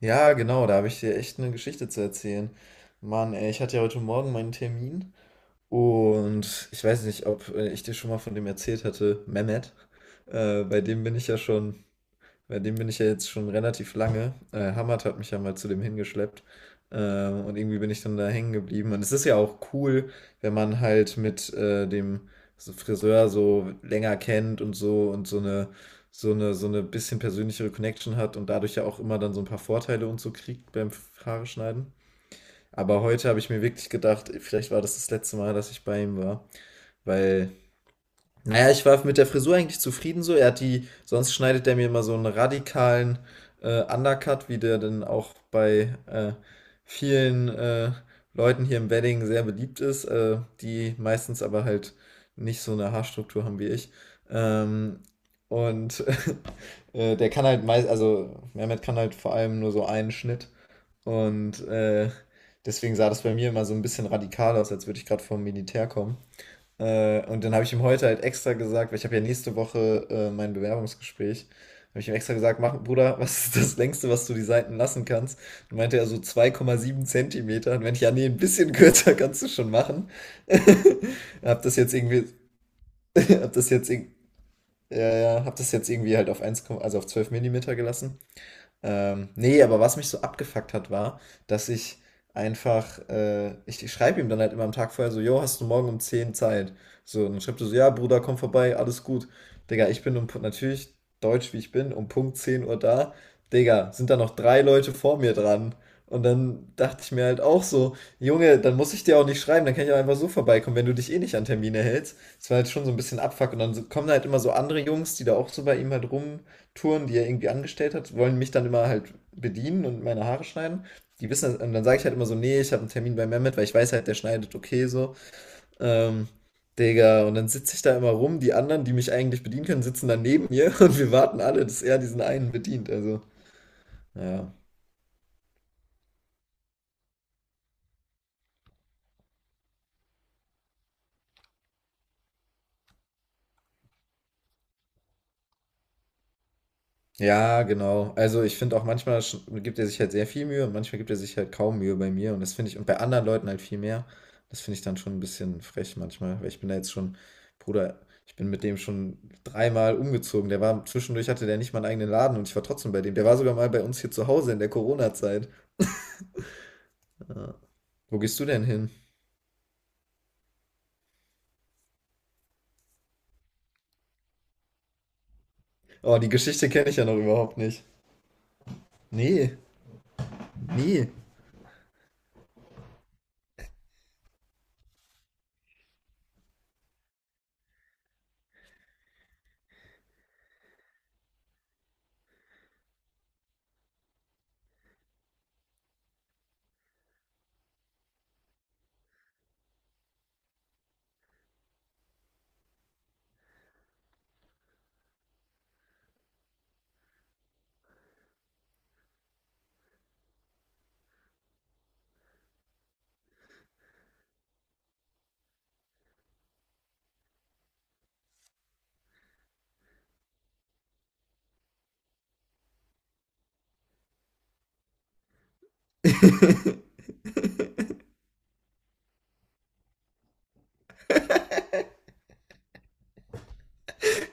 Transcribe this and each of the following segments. Ja, genau, da habe ich dir echt eine Geschichte zu erzählen. Mann, ey, ich hatte ja heute Morgen meinen Termin und ich weiß nicht, ob ich dir schon mal von dem erzählt hatte, Mehmet. Äh, bei dem bin ich ja schon bei dem bin ich ja jetzt schon relativ lange. Hamad hat mich ja mal zu dem hingeschleppt. Und irgendwie bin ich dann da hängen geblieben. Und es ist ja auch cool, wenn man halt mit dem so Friseur so länger kennt und so und so eine bisschen persönlichere Connection hat und dadurch ja auch immer dann so ein paar Vorteile und so kriegt beim Haare schneiden. Aber heute habe ich mir wirklich gedacht, vielleicht war das das letzte Mal, dass ich bei ihm war, weil naja, ich war mit der Frisur eigentlich zufrieden so. Er hat die, sonst schneidet er mir immer so einen radikalen Undercut, wie der dann auch bei vielen Leuten hier im Wedding sehr beliebt ist, die meistens aber halt nicht so eine Haarstruktur haben wie ich. Ähm, und der kann halt meist, also Mehmet kann halt vor allem nur so einen Schnitt. Und deswegen sah das bei mir immer so ein bisschen radikal aus, als würde ich gerade vom Militär kommen. Und dann habe ich ihm heute halt extra gesagt, weil ich habe ja nächste Woche mein Bewerbungsgespräch, habe ich ihm extra gesagt, mach, Bruder, was ist das längste, was du die Seiten lassen kannst? Und meinte er so 2,7 Zentimeter. Und wenn ich, ja, nee, ein bisschen kürzer kannst du schon machen. Hab das jetzt irgendwie, hab das jetzt, irg- ja, ja, hab das jetzt irgendwie halt auf eins, also auf 12 Millimeter gelassen. Nee, aber was mich so abgefuckt hat, war, dass ich einfach, ich schreibe ihm dann halt immer am Tag vorher so, jo, hast du morgen um 10 Zeit? So, und dann schreibt er so, ja, Bruder, komm vorbei, alles gut. Digga, ich bin natürlich deutsch wie ich bin, um Punkt 10 Uhr da. Digga, sind da noch drei Leute vor mir dran? Und dann dachte ich mir halt auch so, Junge, dann muss ich dir auch nicht schreiben, dann kann ich auch einfach so vorbeikommen, wenn du dich eh nicht an Termine hältst. Das war halt schon so ein bisschen Abfuck. Und dann kommen da halt immer so andere Jungs, die da auch so bei ihm halt rum Touren, die er irgendwie angestellt hat, wollen mich dann immer halt bedienen und meine Haare schneiden. Die wissen, und dann sage ich halt immer so, nee, ich habe einen Termin bei Mehmet, weil ich weiß halt, der schneidet okay so. Ähm, Digga, und dann sitze ich da immer rum, die anderen, die mich eigentlich bedienen können, sitzen dann neben mir und wir warten alle, dass er diesen einen bedient. Also, ja. Ja, genau. Also ich finde auch manchmal gibt er sich halt sehr viel Mühe und manchmal gibt er sich halt kaum Mühe bei mir. Und das finde ich, und bei anderen Leuten halt viel mehr. Das finde ich dann schon ein bisschen frech manchmal, weil ich bin da jetzt schon, Bruder, ich bin mit dem schon dreimal umgezogen. Der war, zwischendurch hatte der nicht mal einen eigenen Laden und ich war trotzdem bei dem. Der war sogar mal bei uns hier zu Hause in der Corona-Zeit. Wo gehst du denn hin? Oh, die Geschichte kenne ich ja noch überhaupt nicht. Nee, nie.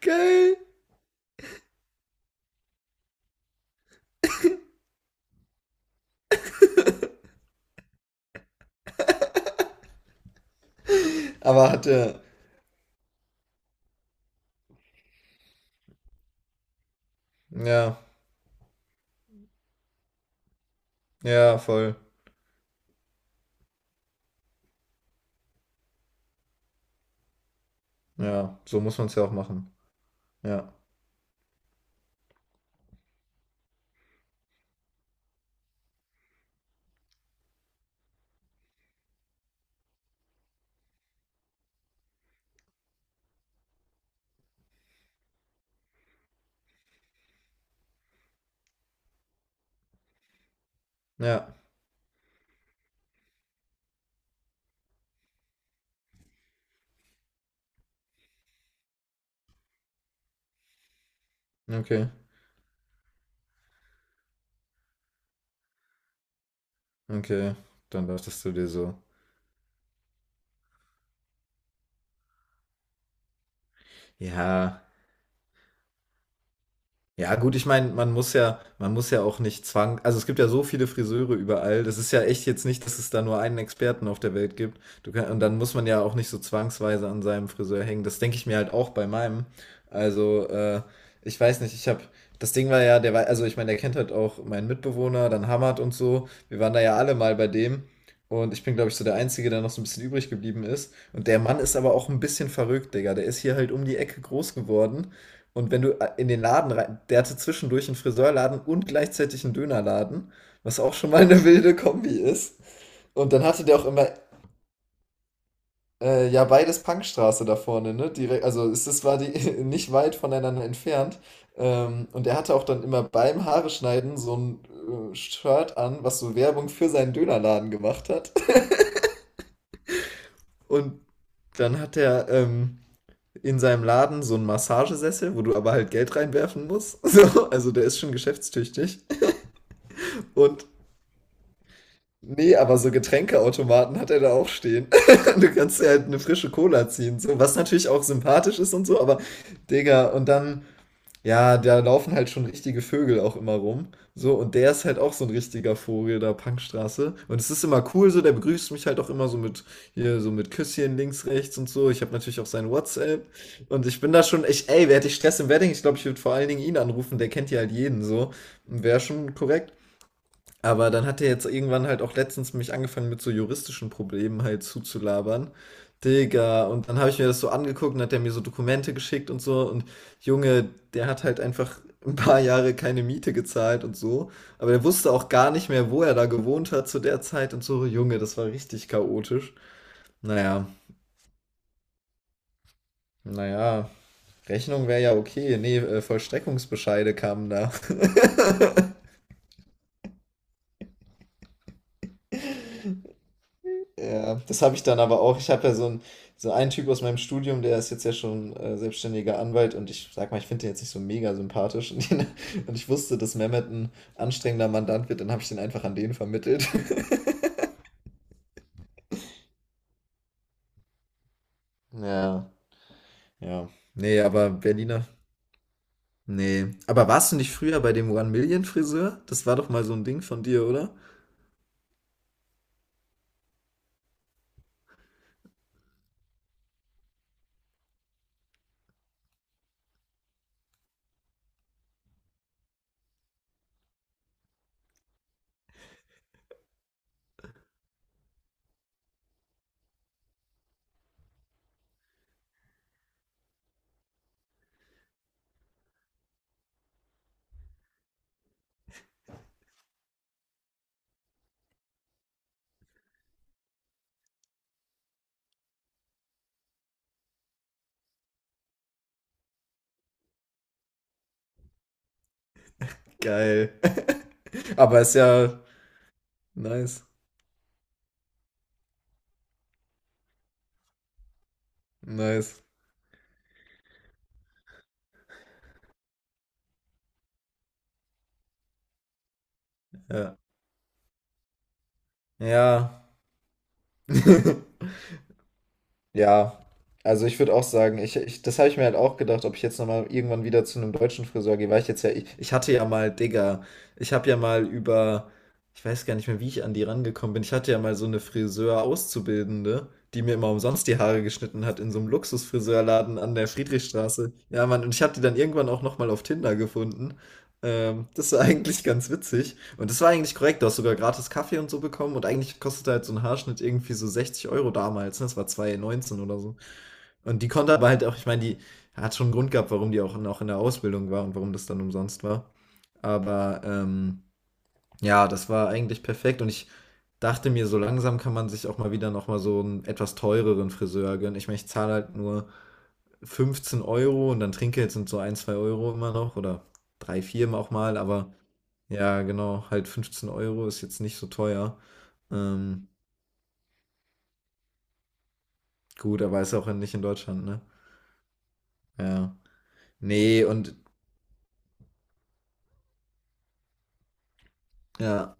Geil. Aber hatte, ja, ja, voll. Ja, so muss man es ja auch machen. Ja, ja. Okay, okay. Dann dachtest du dir so, ja. Ja, gut, ich meine, man muss ja auch nicht zwang also, es gibt ja so viele Friseure überall. Das ist ja echt jetzt nicht, dass es da nur einen Experten auf der Welt gibt. Du kann und dann muss man ja auch nicht so zwangsweise an seinem Friseur hängen. Das denke ich mir halt auch bei meinem. Also, ich weiß nicht, ich habe das Ding war ja, der war also, ich meine, der kennt halt auch meinen Mitbewohner, dann Hamad und so. Wir waren da ja alle mal bei dem und ich bin, glaube ich, so der Einzige, der noch so ein bisschen übrig geblieben ist. Und der Mann ist aber auch ein bisschen verrückt, Digga. Der ist hier halt um die Ecke groß geworden und wenn du in den Laden rein, der hatte zwischendurch einen Friseurladen und gleichzeitig einen Dönerladen, was auch schon mal eine wilde Kombi ist. Und dann hatte der auch immer, ja, beides Punkstraße da vorne, ne? Direkt, also es ist, war die nicht weit voneinander entfernt. Und er hatte auch dann immer beim Haare schneiden so ein Shirt an, was so Werbung für seinen Dönerladen gemacht hat. Und dann hat er in seinem Laden so einen Massagesessel, wo du aber halt Geld reinwerfen musst. So, also der ist schon geschäftstüchtig. Und Nee, aber so Getränkeautomaten hat er da auch stehen. Du kannst dir halt eine frische Cola ziehen, so, was natürlich auch sympathisch ist und so, aber Digga, und dann, ja, da laufen halt schon richtige Vögel auch immer rum. So, und der ist halt auch so ein richtiger Vogel da, Punkstraße. Und es ist immer cool, so, der begrüßt mich halt auch immer so mit, hier, so mit Küsschen links, rechts und so. Ich habe natürlich auch sein WhatsApp. Und ich bin da schon, ich, ey, wer hätte ich Stress im Wedding? Ich glaube, ich würde vor allen Dingen ihn anrufen, der kennt ja halt jeden so. Wäre schon korrekt. Aber dann hat er jetzt irgendwann halt auch letztens mich angefangen mit so juristischen Problemen halt zuzulabern. Digga, und dann habe ich mir das so angeguckt und hat er mir so Dokumente geschickt und so. Und Junge, der hat halt einfach ein paar Jahre keine Miete gezahlt und so. Aber der wusste auch gar nicht mehr, wo er da gewohnt hat zu der Zeit und so. Junge, das war richtig chaotisch. Naja, naja, Rechnung wäre ja okay. Nee, Vollstreckungsbescheide kamen da. Ja, das habe ich dann aber auch. Ich habe ja so, so einen Typ aus meinem Studium, der ist jetzt ja schon selbstständiger Anwalt und ich sag mal, ich finde den jetzt nicht so mega sympathisch. Und, den, und ich wusste, dass Mehmet ein anstrengender Mandant wird, dann habe ich den einfach an den vermittelt. Ja, ja. Nee, aber Berliner. Nee. Aber warst du nicht früher bei dem One Million Friseur? Das war doch mal so ein Ding von dir, oder? Geil. Aber ist ja nice. Nice. Ja. Ja. Ja, also ich würde auch sagen, ich, das habe ich mir halt auch gedacht, ob ich jetzt nochmal irgendwann wieder zu einem deutschen Friseur gehe, weil ich jetzt ja, ich hatte ja mal, Digga, ich habe ja mal über, ich weiß gar nicht mehr, wie ich an die rangekommen bin, ich hatte ja mal so eine Friseur-Auszubildende, die mir immer umsonst die Haare geschnitten hat in so einem Luxusfriseurladen an der Friedrichstraße. Ja, Mann, und ich habe die dann irgendwann auch nochmal auf Tinder gefunden. Das war eigentlich ganz witzig. Und das war eigentlich korrekt. Du hast sogar gratis Kaffee und so bekommen. Und eigentlich kostete halt so ein Haarschnitt irgendwie so 60 Euro damals. Ne? Das war 2,19 oder so. Und die konnte aber halt auch, ich meine, die hat schon einen Grund gehabt, warum die auch noch in der Ausbildung war und warum das dann umsonst war. Aber ja, das war eigentlich perfekt. Und ich dachte mir, so langsam kann man sich auch mal wieder nochmal so einen etwas teureren Friseur gönnen. Ich meine, ich zahle halt nur 15 Euro und dann Trinkgeld sind so ein 2 Euro immer noch oder 3 4 auch mal. Aber ja, genau, halt 15 Euro ist jetzt nicht so teuer. Ähm, gut, aber ist ja auch nicht in Deutschland, ne? Ja. Ne, und ja,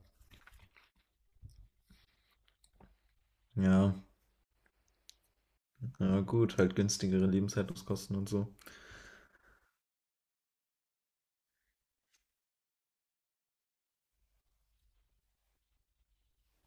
ja, ja gut, halt günstigere Lebenshaltungskosten und so.